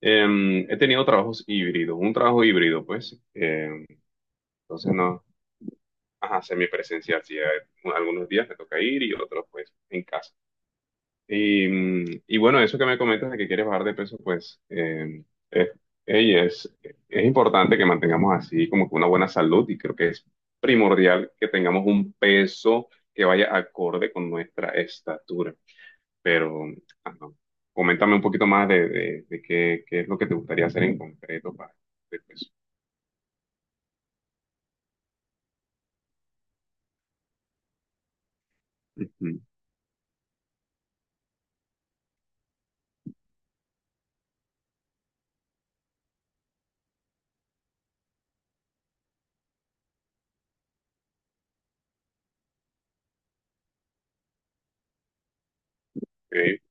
He tenido trabajos híbridos, un trabajo híbrido, pues, em, entonces no, ajá, semipresencial, sí, algunos días me toca ir y otros, pues, en casa. Y bueno, eso que me comentas de que quieres bajar de peso, es, ey, es, es importante que mantengamos así como que una buena salud y creo que es primordial que tengamos un peso que vaya acorde con nuestra estatura, pero ajá, coméntame un poquito más de qué, qué es lo que te gustaría hacer en concreto para de peso. Ujú. Ok,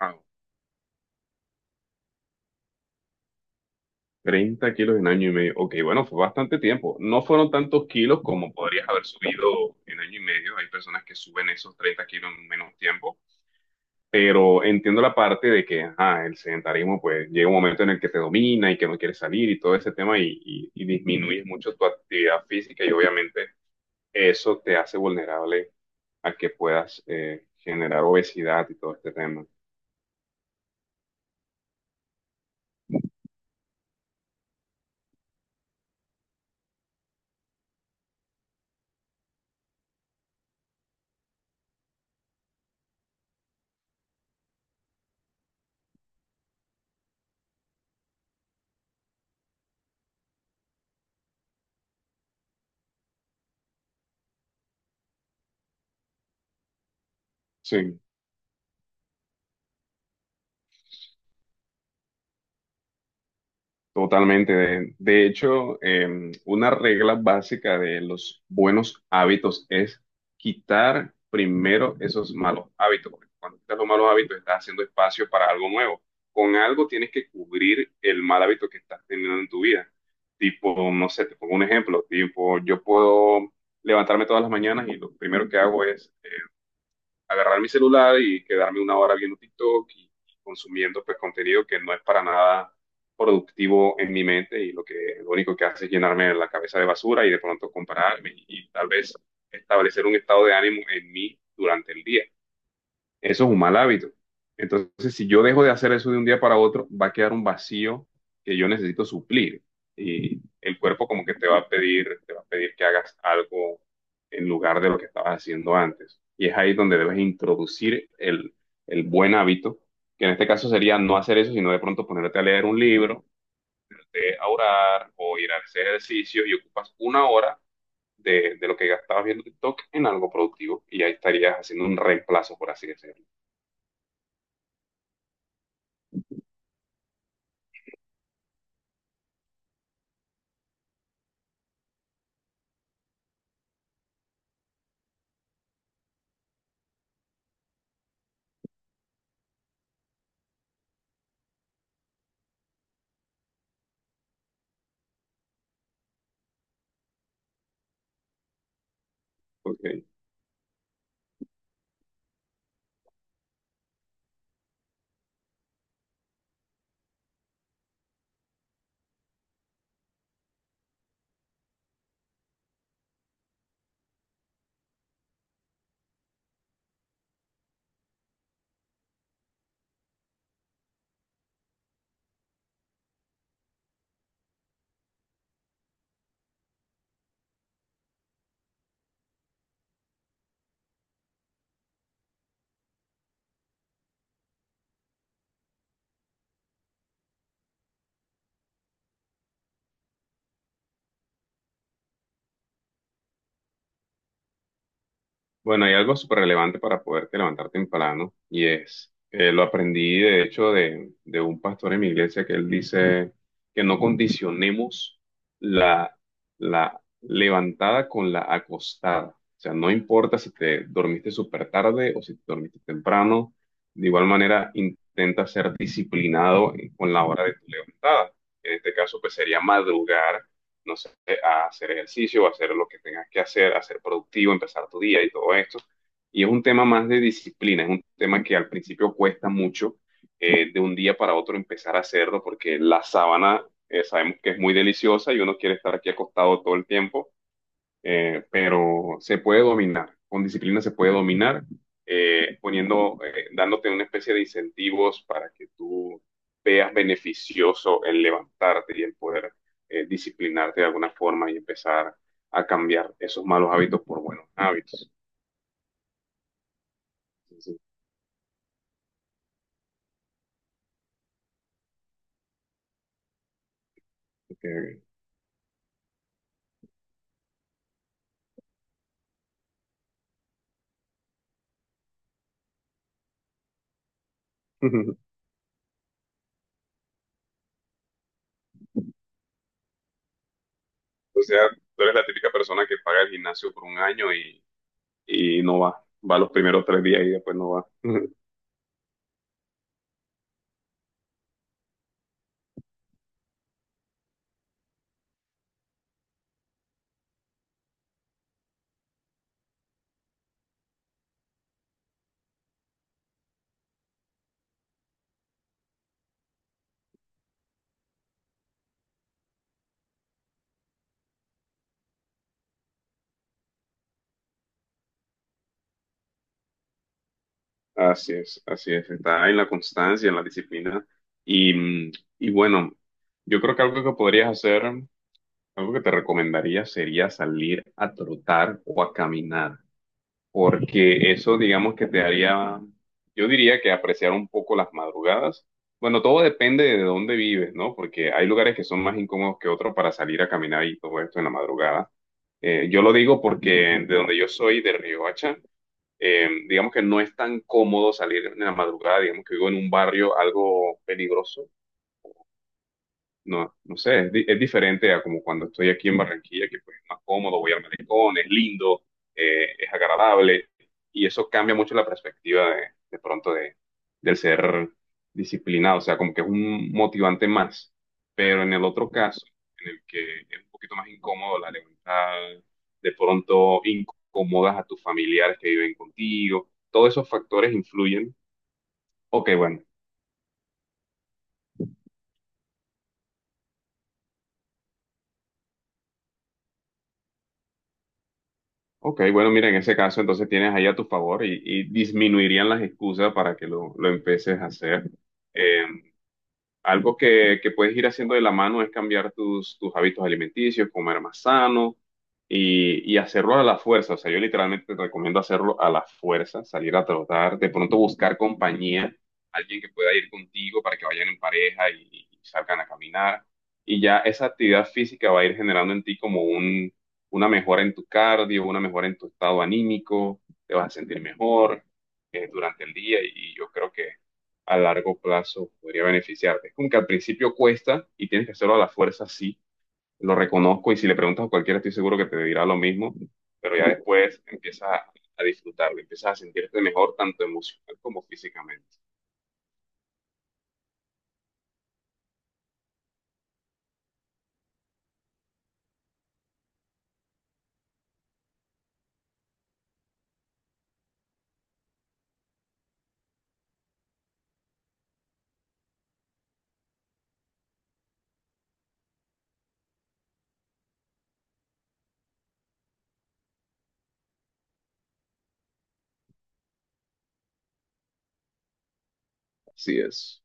ah, 30 kilos en año y medio. Ok, bueno, fue bastante tiempo. No fueron tantos kilos como podrías haber subido en año y medio. Hay personas que suben esos 30 kilos en menos tiempo. Pero entiendo la parte de que ajá, el sedentarismo pues llega un momento en el que te domina y que no quieres salir y todo ese tema y disminuyes mucho tu actividad física y obviamente eso te hace vulnerable a que puedas generar obesidad y todo este tema. Sí, totalmente. De hecho, una regla básica de los buenos hábitos es quitar primero esos malos hábitos. Porque cuando quitas los malos hábitos, estás haciendo espacio para algo nuevo. Con algo tienes que cubrir el mal hábito que estás teniendo en tu vida. Tipo, no sé, te pongo un ejemplo. Tipo, yo puedo levantarme todas las mañanas y lo primero que hago es agarrar mi celular y quedarme una hora viendo TikTok y consumiendo pues contenido que no es para nada productivo en mi mente y lo único que hace es llenarme la cabeza de basura y de pronto compararme y tal vez establecer un estado de ánimo en mí durante el día. Eso es un mal hábito. Entonces, si yo dejo de hacer eso de un día para otro, va a quedar un vacío que yo necesito suplir. Y el cuerpo como que te va a pedir, te va a pedir que hagas algo en lugar de lo que estabas haciendo antes. Y es ahí donde debes introducir el buen hábito, que en este caso sería no hacer eso, sino de pronto ponerte a leer un libro, ponerte a orar o ir a hacer ejercicio y ocupas una hora de lo que gastabas viendo TikTok en algo productivo. Y ahí estarías haciendo un reemplazo, por así decirlo. Ok. Bueno, hay algo súper relevante para poderte levantar temprano y es, lo aprendí de hecho de un pastor en mi iglesia que él dice que no condicionemos la, la levantada con la acostada. O sea, no importa si te dormiste súper tarde o si te dormiste temprano, de igual manera intenta ser disciplinado con la hora de tu levantada. En este caso, pues sería madrugar, no sé, a hacer ejercicio, a hacer lo que tengas que hacer, a ser productivo, empezar tu día y todo esto. Y es un tema más de disciplina, es un tema que al principio cuesta mucho, de un día para otro empezar a hacerlo, porque la sábana, sabemos que es muy deliciosa y uno quiere estar aquí acostado todo el tiempo, pero se puede dominar, con disciplina se puede dominar, dándote una especie de incentivos para que tú veas beneficioso el levantarte y el poder, disciplinarte de alguna forma y empezar a cambiar esos malos hábitos por buenos hábitos. Entonces, eh, O sea, tú eres la típica persona que paga el gimnasio por un año y no va, va los primeros tres días y después no va. Así es, está en la constancia, en la disciplina. Y, mm, y bueno, yo creo que algo que podrías hacer, algo que te recomendaría sería salir a trotar o a caminar, porque eso digamos que te haría, yo diría que apreciar un poco las madrugadas. Bueno, todo depende de dónde vives, ¿no? Porque hay lugares que son más incómodos que otros para salir a caminar y todo esto en la madrugada. Yo lo digo porque de donde yo soy, de Riohacha, digamos que no es tan cómodo salir en la madrugada, digamos que vivo en un barrio algo peligroso, no sé, es diferente a como cuando estoy aquí en Barranquilla, que pues es más cómodo, voy al malecón, es lindo, es agradable, y eso cambia mucho la perspectiva de pronto del ser disciplinado, o sea, como que es un motivante más. Pero en el otro caso, en el que es un poquito más incómodo la levantada, de pronto incomodas a tus familiares que viven contigo, todos esos factores influyen. Ok, bueno. Ok, bueno, mira, en ese caso entonces tienes ahí a tu favor y disminuirían las excusas para que lo empieces a hacer. Eh, que puedes ir haciendo de la mano es cambiar tus hábitos alimenticios, comer más sano y hacerlo a la fuerza. O sea, yo literalmente te recomiendo hacerlo a la fuerza, salir a trotar, de pronto buscar compañía, alguien que pueda ir contigo para que vayan en pareja y salgan a caminar. Y ya esa actividad física va a ir generando en ti como una mejora en tu cardio, una mejora en tu estado anímico, te vas a sentir mejor, durante el día y yo creo que a largo plazo podría beneficiarte. Es como que al principio cuesta y tienes que hacerlo a la fuerza, sí, lo reconozco y si le preguntas a cualquiera estoy seguro que te dirá lo mismo, pero ya después empiezas a disfrutarlo, empiezas a sentirte mejor tanto emocional como físicamente. Así es,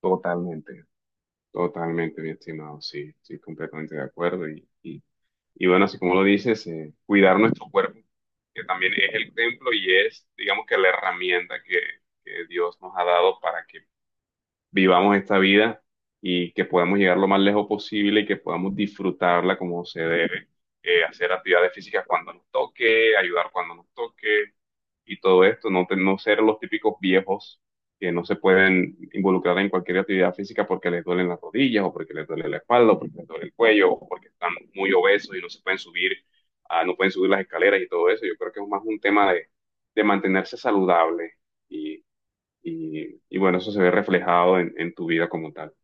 totalmente, totalmente, mi estimado, sí, sí, completamente de acuerdo. Y bueno, así como lo dices, cuidar nuestro cuerpo, que también es el templo y es, digamos que la herramienta que Dios nos ha dado para que vivamos esta vida y que podamos llegar lo más lejos posible y que podamos disfrutarla como se debe. Hacer actividades físicas cuando nos toque, ayudar cuando nos toque y todo esto, no, no ser los típicos viejos que no se pueden involucrar en cualquier actividad física porque les duelen las rodillas o porque les duele la espalda o porque les duele el cuello o porque están muy obesos y no se pueden subir, ah, no pueden subir las escaleras y todo eso. Yo creo que es más un tema de mantenerse saludable y bueno, eso se ve reflejado en tu vida como tal.